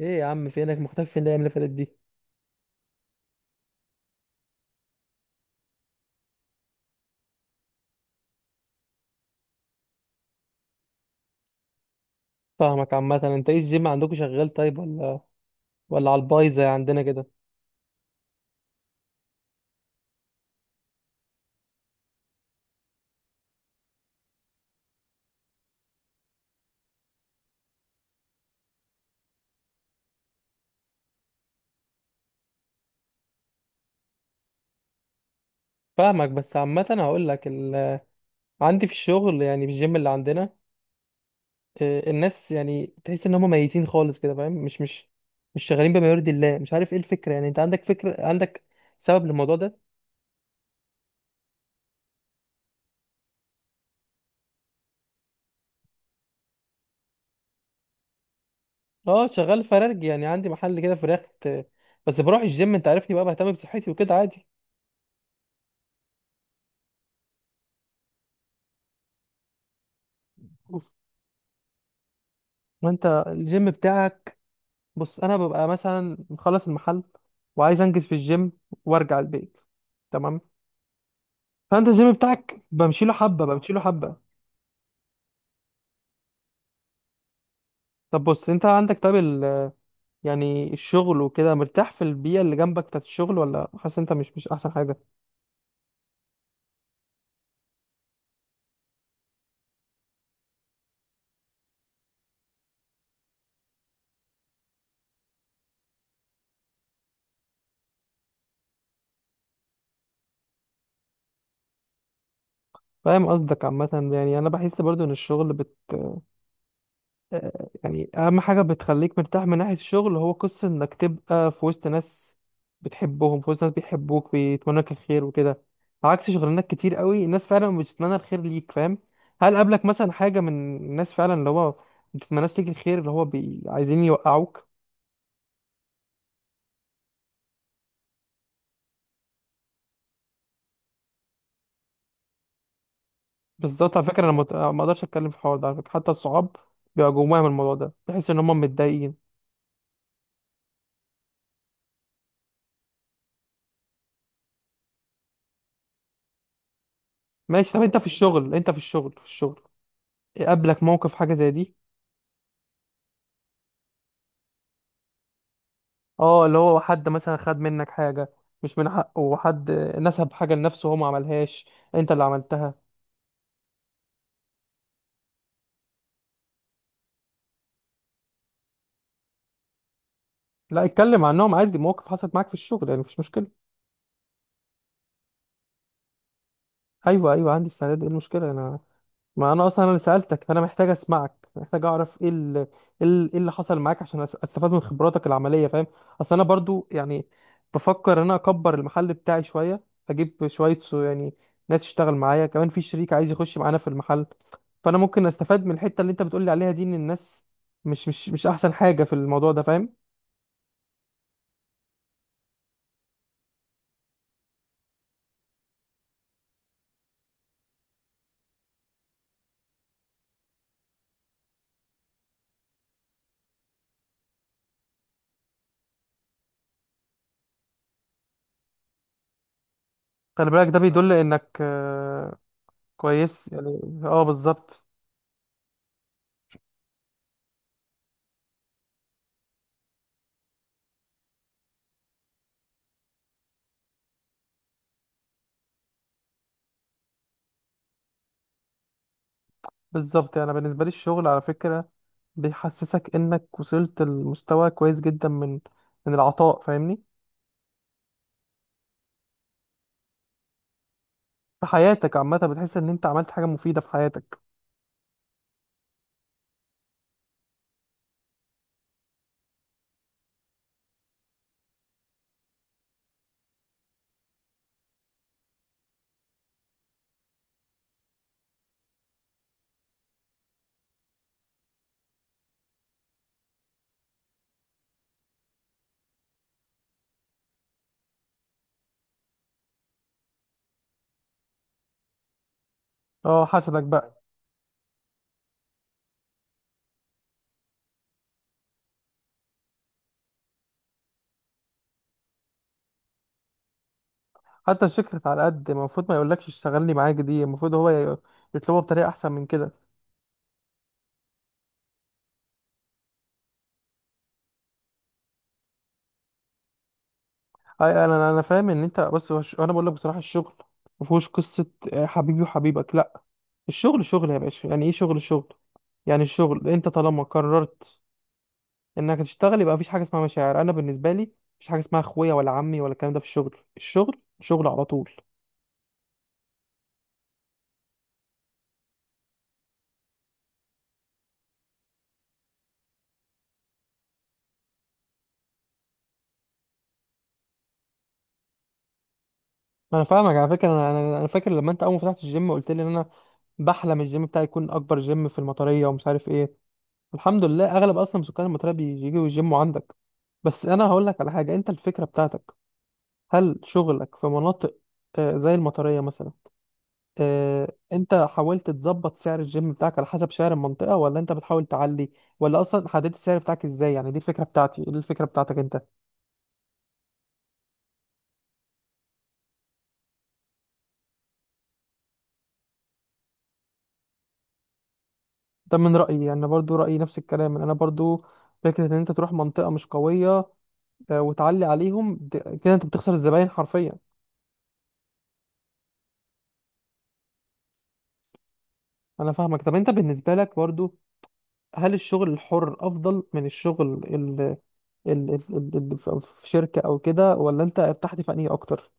ايه يا عم، فينك مختفي؟ فين الايام اللي فاتت دي؟ فاهمك. عامه انت ايه، الجيم عندكم شغال طيب ولا على البايظ زي عندنا كده؟ فاهمك. بس عامه هقول لك عندي في الشغل، يعني في الجيم اللي عندنا الناس يعني تحس ان هم ميتين خالص كده، فاهم؟ مش شغالين بما يرضي الله، مش عارف ايه الفكره. يعني انت عندك فكره، عندك سبب للموضوع ده؟ اه شغال فرارج، يعني عندي محل كده فراخ. بس بروح الجيم، انت عارفني بقى، بهتم بصحتي وكده عادي. ما انت الجيم بتاعك، بص انا ببقى مثلا مخلص المحل وعايز انجز في الجيم وارجع البيت، تمام؟ فانت الجيم بتاعك بمشي له حبه بمشي له حبه. طب بص، انت عندك طيب يعني الشغل وكده مرتاح في البيئه اللي جنبك بتاعت الشغل، ولا حاسس انت مش احسن حاجه؟ فاهم قصدك. عامه يعني انا بحس برضو ان الشغل يعني اهم حاجه بتخليك مرتاح من ناحيه الشغل هو قصه انك تبقى في وسط ناس بتحبهم، في وسط ناس بيحبوك بيتمنوا لك الخير وكده، عكس شغلانات كتير قوي الناس فعلا مش بتتمنى الخير ليك، فاهم؟ هل قابلك مثلا حاجه من الناس فعلا، اللي هو ما بتتمناش ليك الخير، اللي هو عايزين يوقعوك؟ بالظبط، على فكره انا ما اقدرش اتكلم في الحوار ده على فكره. حتى الصحاب بيبقى جواهم الموضوع ده، تحس ان هم متضايقين. ماشي، طب انت في الشغل، قابلك موقف حاجه زي دي؟ اه، اللي هو حد مثلا خد منك حاجة مش من حقه، وحد نسب حاجة لنفسه هو ما عملهاش، انت اللي عملتها. لا اتكلم عنهم عادي، مواقف حصلت معاك في الشغل، يعني مفيش مشكلة. ايوه، ايوه، عندي استعداد. ايه المشكلة؟ انا ما انا اصلا انا اللي سالتك، فانا محتاج اسمعك، محتاج اعرف ايه إيه اللي حصل معاك عشان استفاد من خبراتك العمليه، فاهم؟ اصل انا برضو يعني بفكر ان انا اكبر المحل بتاعي شويه، اجيب شويه سو يعني، ناس تشتغل معايا، كمان في شريك عايز يخش معانا في المحل، فانا ممكن استفاد من الحته اللي انت بتقولي عليها دي ان الناس مش احسن حاجه في الموضوع ده، فاهم؟ خلي بالك، ده بيدل انك كويس يعني، اه بالظبط. بالظبط، يعني أنا بالنسبة لي الشغل على فكرة بيحسسك انك وصلت لمستوى كويس جدا من العطاء، فاهمني؟ في حياتك عامة بتحس ان انت عملت حاجة مفيدة في حياتك. اه حسدك بقى. حتى الشركة على قد ما، المفروض ما يقولكش اشتغلني معاك دي، المفروض هو يطلبها بطريقة احسن من كده. انا فاهم ان انت، بص هو انا بقول لك بصراحة الشغل مفهوش قصة حبيبي وحبيبك، لا. الشغل شغل يا باشا، يعني ايه شغل، شغل. يعني الشغل انت طالما قررت انك تشتغل، يبقى مفيش حاجه اسمها مشاعر. انا بالنسبه لي مفيش حاجه اسمها اخويا ولا عمي ولا الكلام ده في الشغل، الشغل شغل على طول. انا فاهمك، على فكره انا انا أنا فاكر لما انت اول ما فتحت الجيم قلت لي ان انا بحلم الجيم بتاعي يكون اكبر جيم في المطريه ومش عارف ايه. الحمد لله، اغلب اصلا سكان المطريه بيجوا يجيموا عندك. بس انا هقول لك على حاجه، انت الفكره بتاعتك، هل شغلك في مناطق زي المطريه مثلا؟ انت حاولت تظبط سعر الجيم بتاعك على حسب سعر المنطقة، ولا انت بتحاول تعلي؟ ولا اصلا حددت السعر بتاعك ازاي يعني؟ دي الفكرة بتاعتي، دي الفكرة بتاعتك انت. ده من رأيي، يعني برضو رأيي نفس الكلام. انا برضو فكرة ان انت تروح منطقة مش قوية وتعلي عليهم كده انت بتخسر الزباين حرفيا. انا فاهمك. طب انت بالنسبة لك برضو، هل الشغل الحر افضل من الشغل ال ال في شركة او كده، ولا انت ارتحت في انهي اكتر؟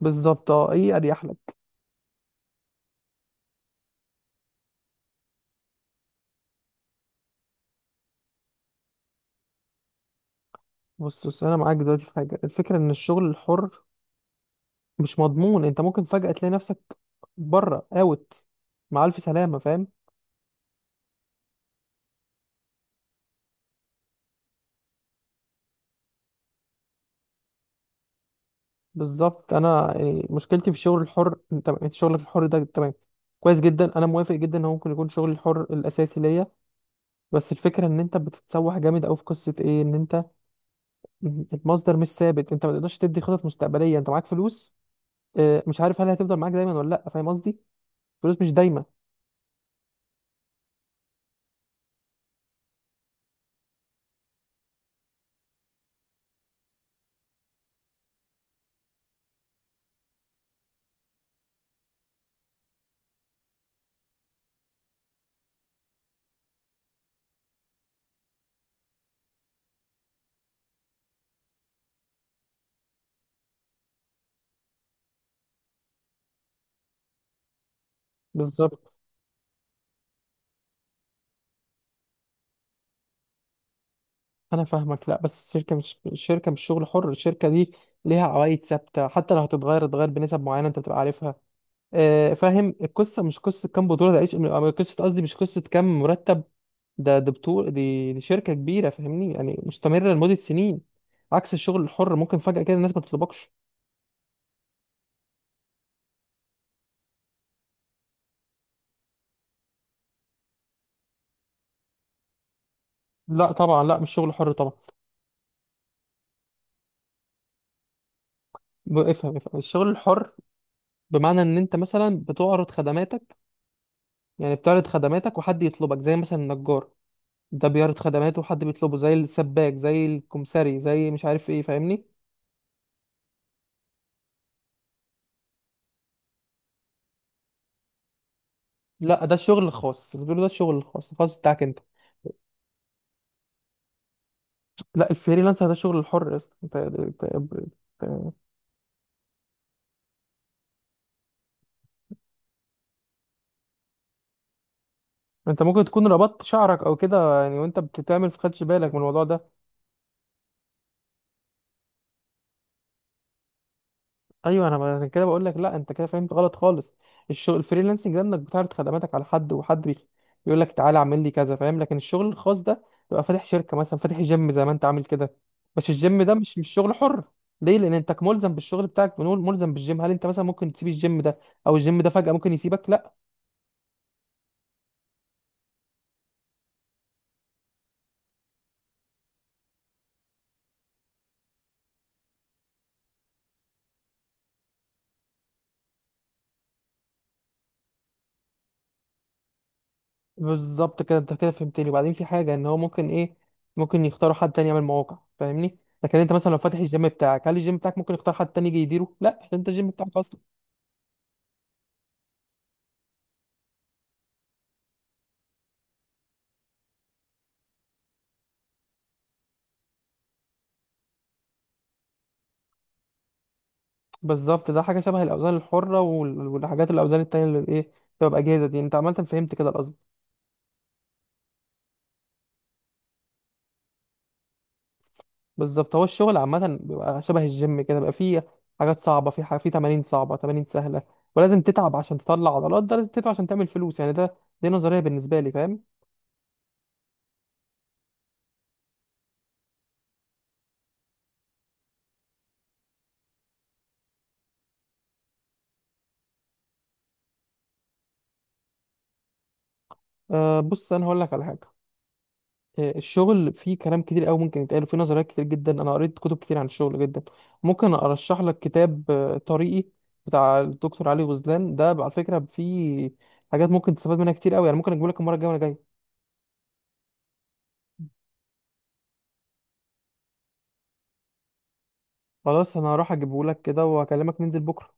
بالظبط. اه، ايه اريح لك؟ بص، انا معاك دلوقتي في حاجه. الفكره ان الشغل الحر مش مضمون، انت ممكن فجاه تلاقي نفسك بره، اوت، مع الف سلامه، فاهم؟ بالظبط. انا يعني مشكلتي في الشغل الحر، انت شغلك الحر ده تمام، كويس جدا، انا موافق جدا ان هو ممكن يكون شغل الحر الاساسي ليا، بس الفكره ان انت بتتسوح جامد قوي في قصه ايه، ان انت المصدر مش ثابت، انت ما تقدرش تدي خطط مستقبليه. انت معاك فلوس مش عارف هل هتفضل معاك دايما ولا لا، فاهم قصدي؟ فلوس مش دايما. بالظبط، انا فاهمك. لا، بس الشركه مش شغل حر، الشركه دي ليها عوايد ثابته، حتى لو هتتغير تتغير بنسب معينه انت بتبقى عارفها. آه، فاهم القصه. مش قصه كام بطوله ده، قصه، قصدي مش قصه كام مرتب ده، بطوله دي شركه كبيره فاهمني، يعني مستمره لمده سنين، عكس الشغل الحر ممكن فجاه كده الناس ما تطلبكش. لا طبعا، لا مش شغل حر طبعا. افهم الشغل الحر بمعنى ان انت مثلا بتعرض خدماتك. يعني بتعرض خدماتك وحد يطلبك، زي مثلا النجار ده بيعرض خدماته حد بيطلبه، زي السباك، زي الكمساري، زي مش عارف ايه، فاهمني؟ لا، ده الشغل الخاص اللي بيقولوا، ده الشغل الخاص بتاعك انت. لا، الفريلانسر ده الشغل الحر يا اسطى. انت ممكن تكون ربطت شعرك او كده يعني، وانت بتتعمل في، خدش بالك من الموضوع ده. ايوه، انا عشان كده بقول لك لا، انت كده فهمت غلط خالص. الشغل الفريلانسنج ده انك بتعرض خدماتك على حد، وحد بيقول لك تعالى اعمل لي كذا، فاهم؟ لكن الشغل الخاص ده تبقى فاتح شركه مثلا، فاتح جيم زي ما انت عامل كده، بس الجيم ده مش شغل حر. ليه؟ لان انت ملزم بالشغل بتاعك، بنقول ملزم بالجيم. هل انت مثلا ممكن تسيب الجيم ده، او الجيم ده فجاه ممكن يسيبك؟ لا. بالظبط كده، انت كده فهمتني. وبعدين في حاجه، ان هو ممكن ايه، ممكن يختاروا حد تاني يعمل مواقع، فاهمني؟ لكن انت مثلا لو فاتح الجيم بتاعك، هل الجيم بتاعك ممكن يختار حد تاني يجي يديره؟ لا، عشان انت الجيم بتاعك اصلا. بالظبط، ده حاجه شبه الاوزان الحره والحاجات الاوزان التانية اللي ايه، بتبقى باجهزه دي، انت عملت فهمت كده القصد. بالظبط. هو الشغل عامه بيبقى شبه الجيم كده، بيبقى فيه حاجات صعبه، في حاجة، في تمارين صعبه، تمارين سهله، ولازم تتعب عشان تطلع عضلات، ده لازم تتعب عشان تعمل فلوس، يعني ده دي نظريه بالنسبه لي، فاهم؟ أه، بص انا هقول لك على حاجه الشغل فيه كلام كتير قوي ممكن يتقال، وفيه نظريات كتير جدا. انا قريت كتب كتير عن الشغل جدا، ممكن ارشح لك كتاب طريقي بتاع الدكتور علي غزلان. ده على فكره فيه حاجات ممكن تستفاد منها كتير قوي يعني، ممكن اجيبه لك المره الجايه وانا جاي. خلاص، انا هروح اجيبه لك كده، وهكلمك ننزل بكره.